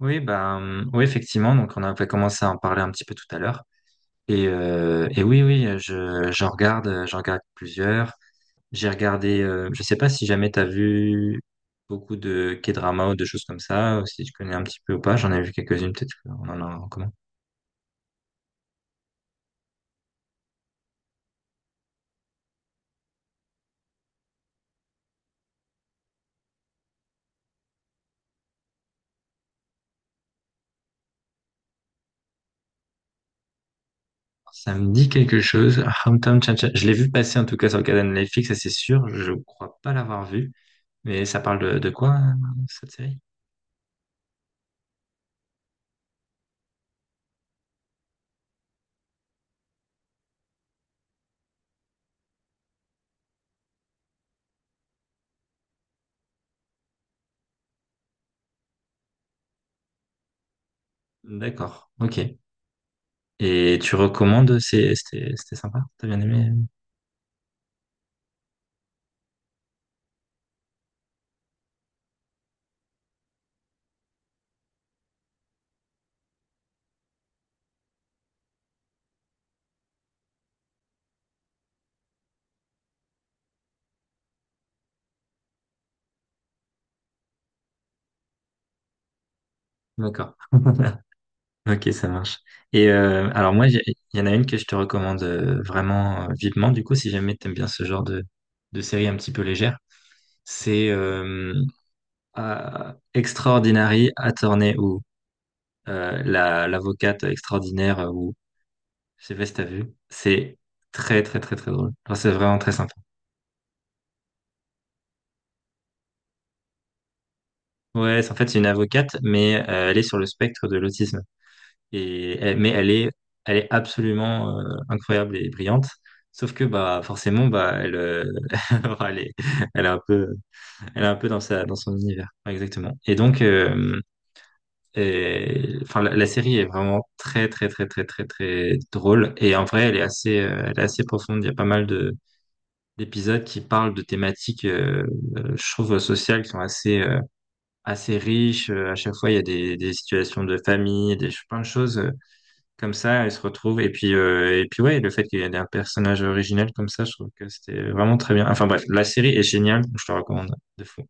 Oui, ben, oui, effectivement. Donc, on avait commencé à en parler un petit peu tout à l'heure. Et oui, oui, j'en regarde plusieurs. Je sais pas si jamais t'as vu beaucoup de K-drama ou de choses comme ça, ou si tu connais un petit peu ou pas. J'en ai vu quelques-unes, peut-être qu'on en a, comment? Ça me dit quelque chose. Hometown Cha-Cha. Je l'ai vu passer en tout cas sur le canal Netflix, ça c'est sûr. Je crois pas l'avoir vu. Mais ça parle de quoi, cette série? D'accord. Ok. Et tu recommandes, c'était sympa, t'as bien aimé? D'accord. Ok, ça marche. Et alors moi, il y en a une que je te recommande vraiment vivement, du coup, si jamais t'aimes bien ce genre de série un petit peu légère, c'est Extraordinary Attorney ou l'avocate extraordinaire ou je sais pas si t'as vu. C'est très très très très drôle. Enfin, c'est vraiment très sympa. Ouais, c'est en fait c'est une avocate, mais elle est sur le spectre de l'autisme. Mais elle est absolument incroyable et brillante. Sauf que bah forcément bah elle, elle est, elle est un peu, elle est un peu dans son univers. Ouais, exactement. Et donc, enfin la série est vraiment très très très très très très drôle. Et en vrai, elle est assez profonde. Il y a pas mal de d'épisodes qui parlent de thématiques, je trouve, sociales qui sont assez riches. À chaque fois, il y a des situations de famille, plein de choses comme ça, elle se retrouve. Et puis, ouais, le fait qu'il y ait un personnage original comme ça, je trouve que c'était vraiment très bien. Enfin bref, la série est géniale, je te recommande de fou.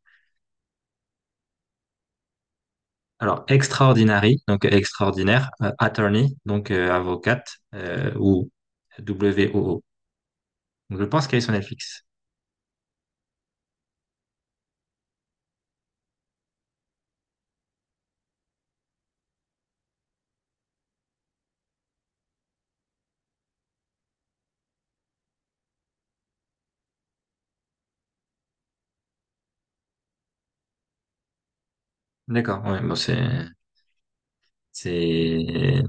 Alors, Extraordinary, donc extraordinaire, attorney, donc avocate, ou Woo. Donc, je pense qu'elle est sur Netflix. D'accord, ouais, bon, c'est,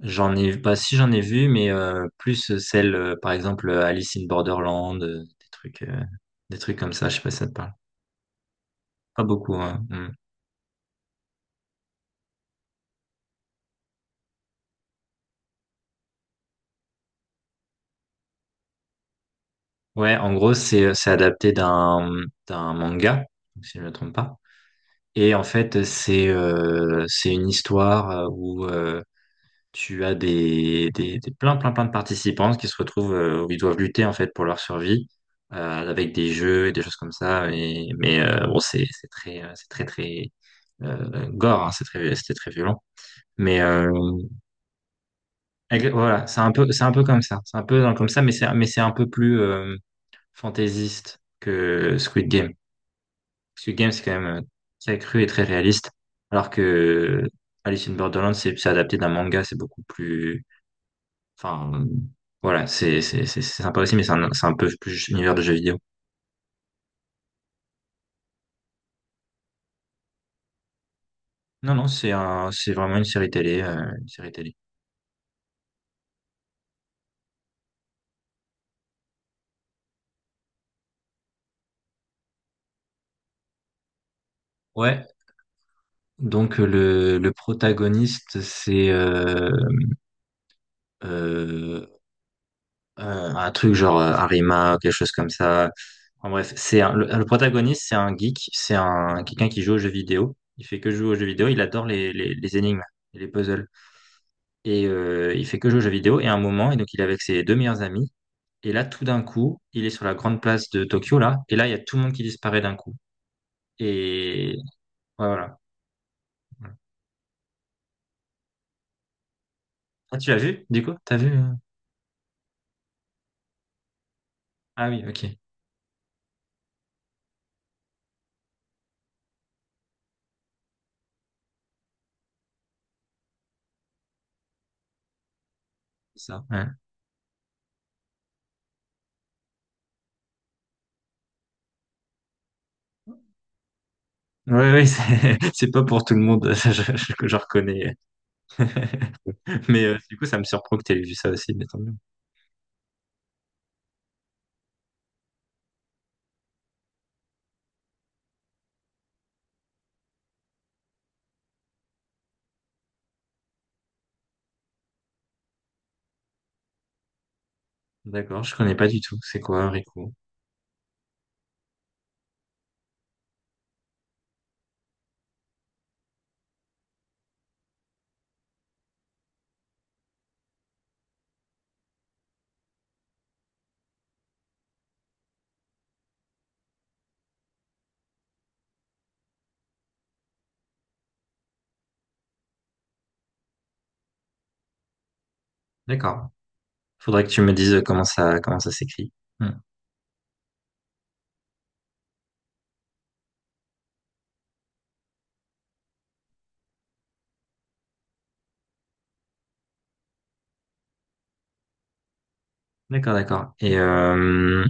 bah, si j'en ai vu, mais plus celle, par exemple, Alice in Borderland, des trucs comme ça, je sais pas si ça te parle. Pas beaucoup, hein. Mm. Ouais, en gros, c'est adapté d'un manga, si je ne me trompe pas. Et en fait, c'est une histoire où tu as des plein plein plein de participants qui se retrouvent où ils doivent lutter en fait pour leur survie avec des jeux et des choses comme ça. Mais bon, c'est très très gore, hein, c'était très violent. Mais voilà, c'est un peu comme ça, mais c'est un peu plus fantaisiste que Squid Game. Parce que Game, c'est quand même très cru et très réaliste. Alors que Alice in Borderland, c'est adapté d'un manga, c'est beaucoup plus. Enfin, voilà, c'est sympa aussi, mais c'est un peu plus univers de jeux vidéo. Non, non, c'est vraiment une série télé. Ouais, donc le protagoniste, c'est euh, Euh, un truc genre Arima, quelque chose comme ça. En bref, le protagoniste, c'est un geek, c'est un quelqu'un qui joue aux jeux vidéo. Il fait que jouer aux jeux vidéo, il adore les énigmes et les puzzles. Il fait que jouer aux jeux vidéo. Et à un moment, et donc il est avec ses deux meilleurs amis. Et là, tout d'un coup, il est sur la grande place de Tokyo, là. Et là, il y a tout le monde qui disparaît d'un coup. Et ouais, voilà. Ah, tu l'as vu, du coup? T'as vu? Ah oui, ok. C'est ça. Ouais, ouais, ouais, c'est c'est pas pour tout le monde, je reconnais. Mais du coup, ça me surprend que tu aies vu ça aussi, mais tant mieux. D'accord, je connais pas du tout. C'est quoi, Rico? D'accord. Faudrait que tu me dises comment ça s'écrit. Hmm. D'accord, d'accord. Et euh,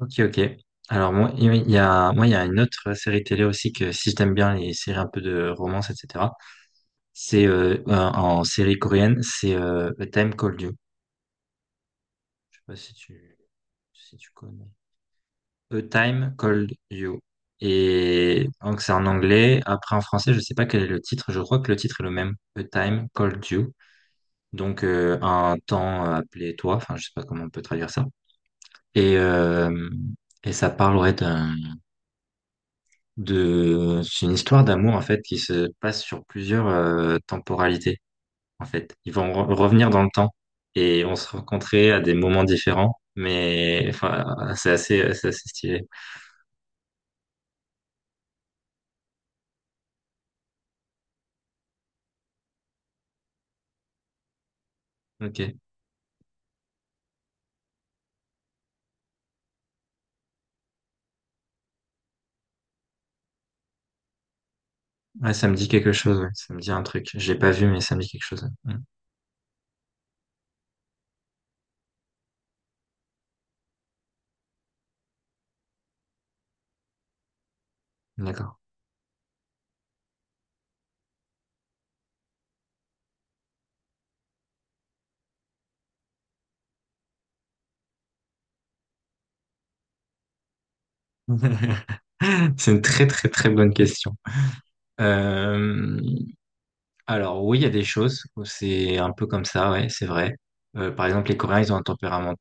ok, ok. Alors moi, il y a une autre série télé aussi que si j'aime bien les séries un peu de romance, etc. C'est en série coréenne, c'est A Time Called You. Je sais pas si si tu connais. A Time Called You. Et donc c'est en anglais. Après en français, je sais pas quel est le titre. Je crois que le titre est le même. A Time Called You. Donc un temps appelé toi. Enfin, je sais pas comment on peut traduire ça. Et euh, et ça parle ouais, d'un de c'est une histoire d'amour en fait qui se passe sur plusieurs temporalités en fait. Ils vont revenir dans le temps et on se rencontrer à des moments différents. Mais enfin, c'est assez stylé. Ok. Ouais, ça me dit quelque chose, ouais. Ça me dit un truc. Je l'ai pas vu, mais ça me dit quelque chose. Ouais. Mm. D'accord. C'est une très très très bonne question. Euh, alors oui, il y a des choses où c'est un peu comme ça, ouais, c'est vrai. Par exemple, les Coréens, ils ont un tempérament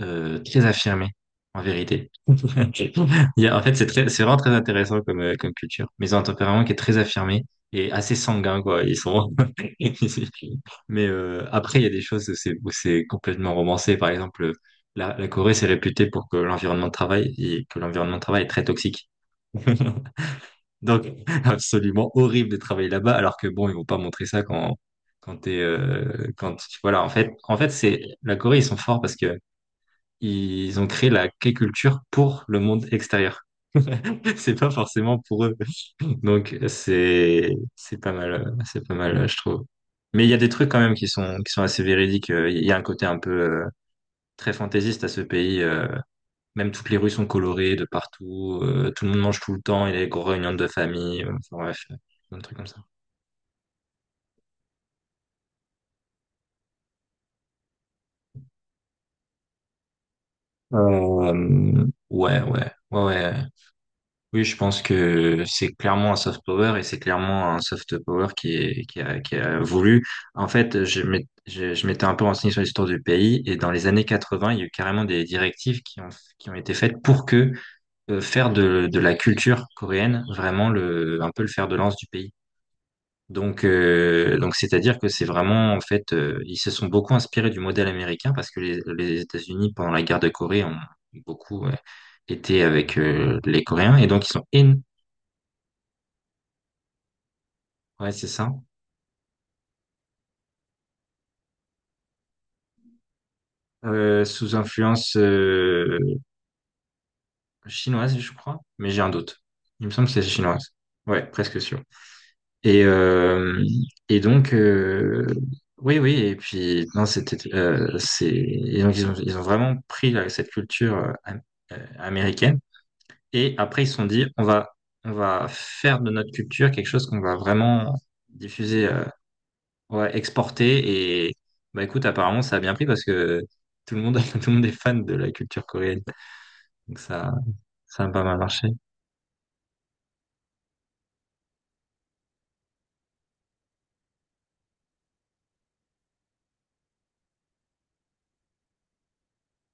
très affirmé, en vérité. Ok. En fait, c'est vraiment très intéressant comme culture. Mais ils ont un tempérament qui est très affirmé et assez sanguin, quoi. Ils sont. Mais après, il y a des choses où c'est complètement romancé. Par exemple, la Corée, c'est réputé pour que l'environnement de travail est très toxique. Donc, absolument horrible de travailler là-bas. Alors que bon, ils vont pas montrer ça quand quand t'es quand voilà. En fait, c'est la Corée, ils sont forts parce que ils ont créé la K-culture pour le monde extérieur. C'est pas forcément pour eux. Donc c'est pas mal, je trouve. Mais il y a des trucs quand même qui sont assez véridiques. Il y a un côté un peu très fantaisiste à ce pays. Même toutes les rues sont colorées de partout. Tout le monde mange tout le temps. Il y a des grosses réunions de famille. Enfin bref, plein de trucs comme ça. Ouais, ouais, ouais, ouais. Oui, je pense que c'est clairement un soft power et c'est clairement un soft power qui a voulu. En fait, je m'étais un peu renseigné sur l'histoire du pays et dans les années 80, il y a eu carrément des directives qui ont été faites pour que faire de la culture coréenne vraiment un peu le fer de lance du pays. Donc, c'est-à-dire que c'est vraiment, en fait, ils se sont beaucoup inspirés du modèle américain parce que les États-Unis, pendant la guerre de Corée, ont beaucoup, été avec les Coréens et donc ils sont. Ouais, c'est ça. Sous influence chinoise, je crois, mais j'ai un doute. Il me semble que c'est chinoise. Ouais, presque sûr. Et, euh, et donc, oui, oui, et puis, non, c'était, c'est, et donc, ils ont vraiment pris là, cette culture américaine, et après, ils se sont dit, on va faire de notre culture quelque chose qu'on va vraiment diffuser Ouais, exporté et bah écoute, apparemment ça a bien pris parce que tout le monde, tout le monde est fan de la culture coréenne. Donc ça a pas mal marché.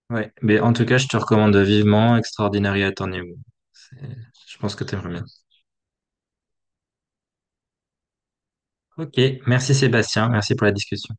Ouais, mais en tout cas, je te recommande vivement Extraordinary Attorney Woo. C'est- Je pense que t'aimerais bien. Ok, merci Sébastien, merci pour la discussion.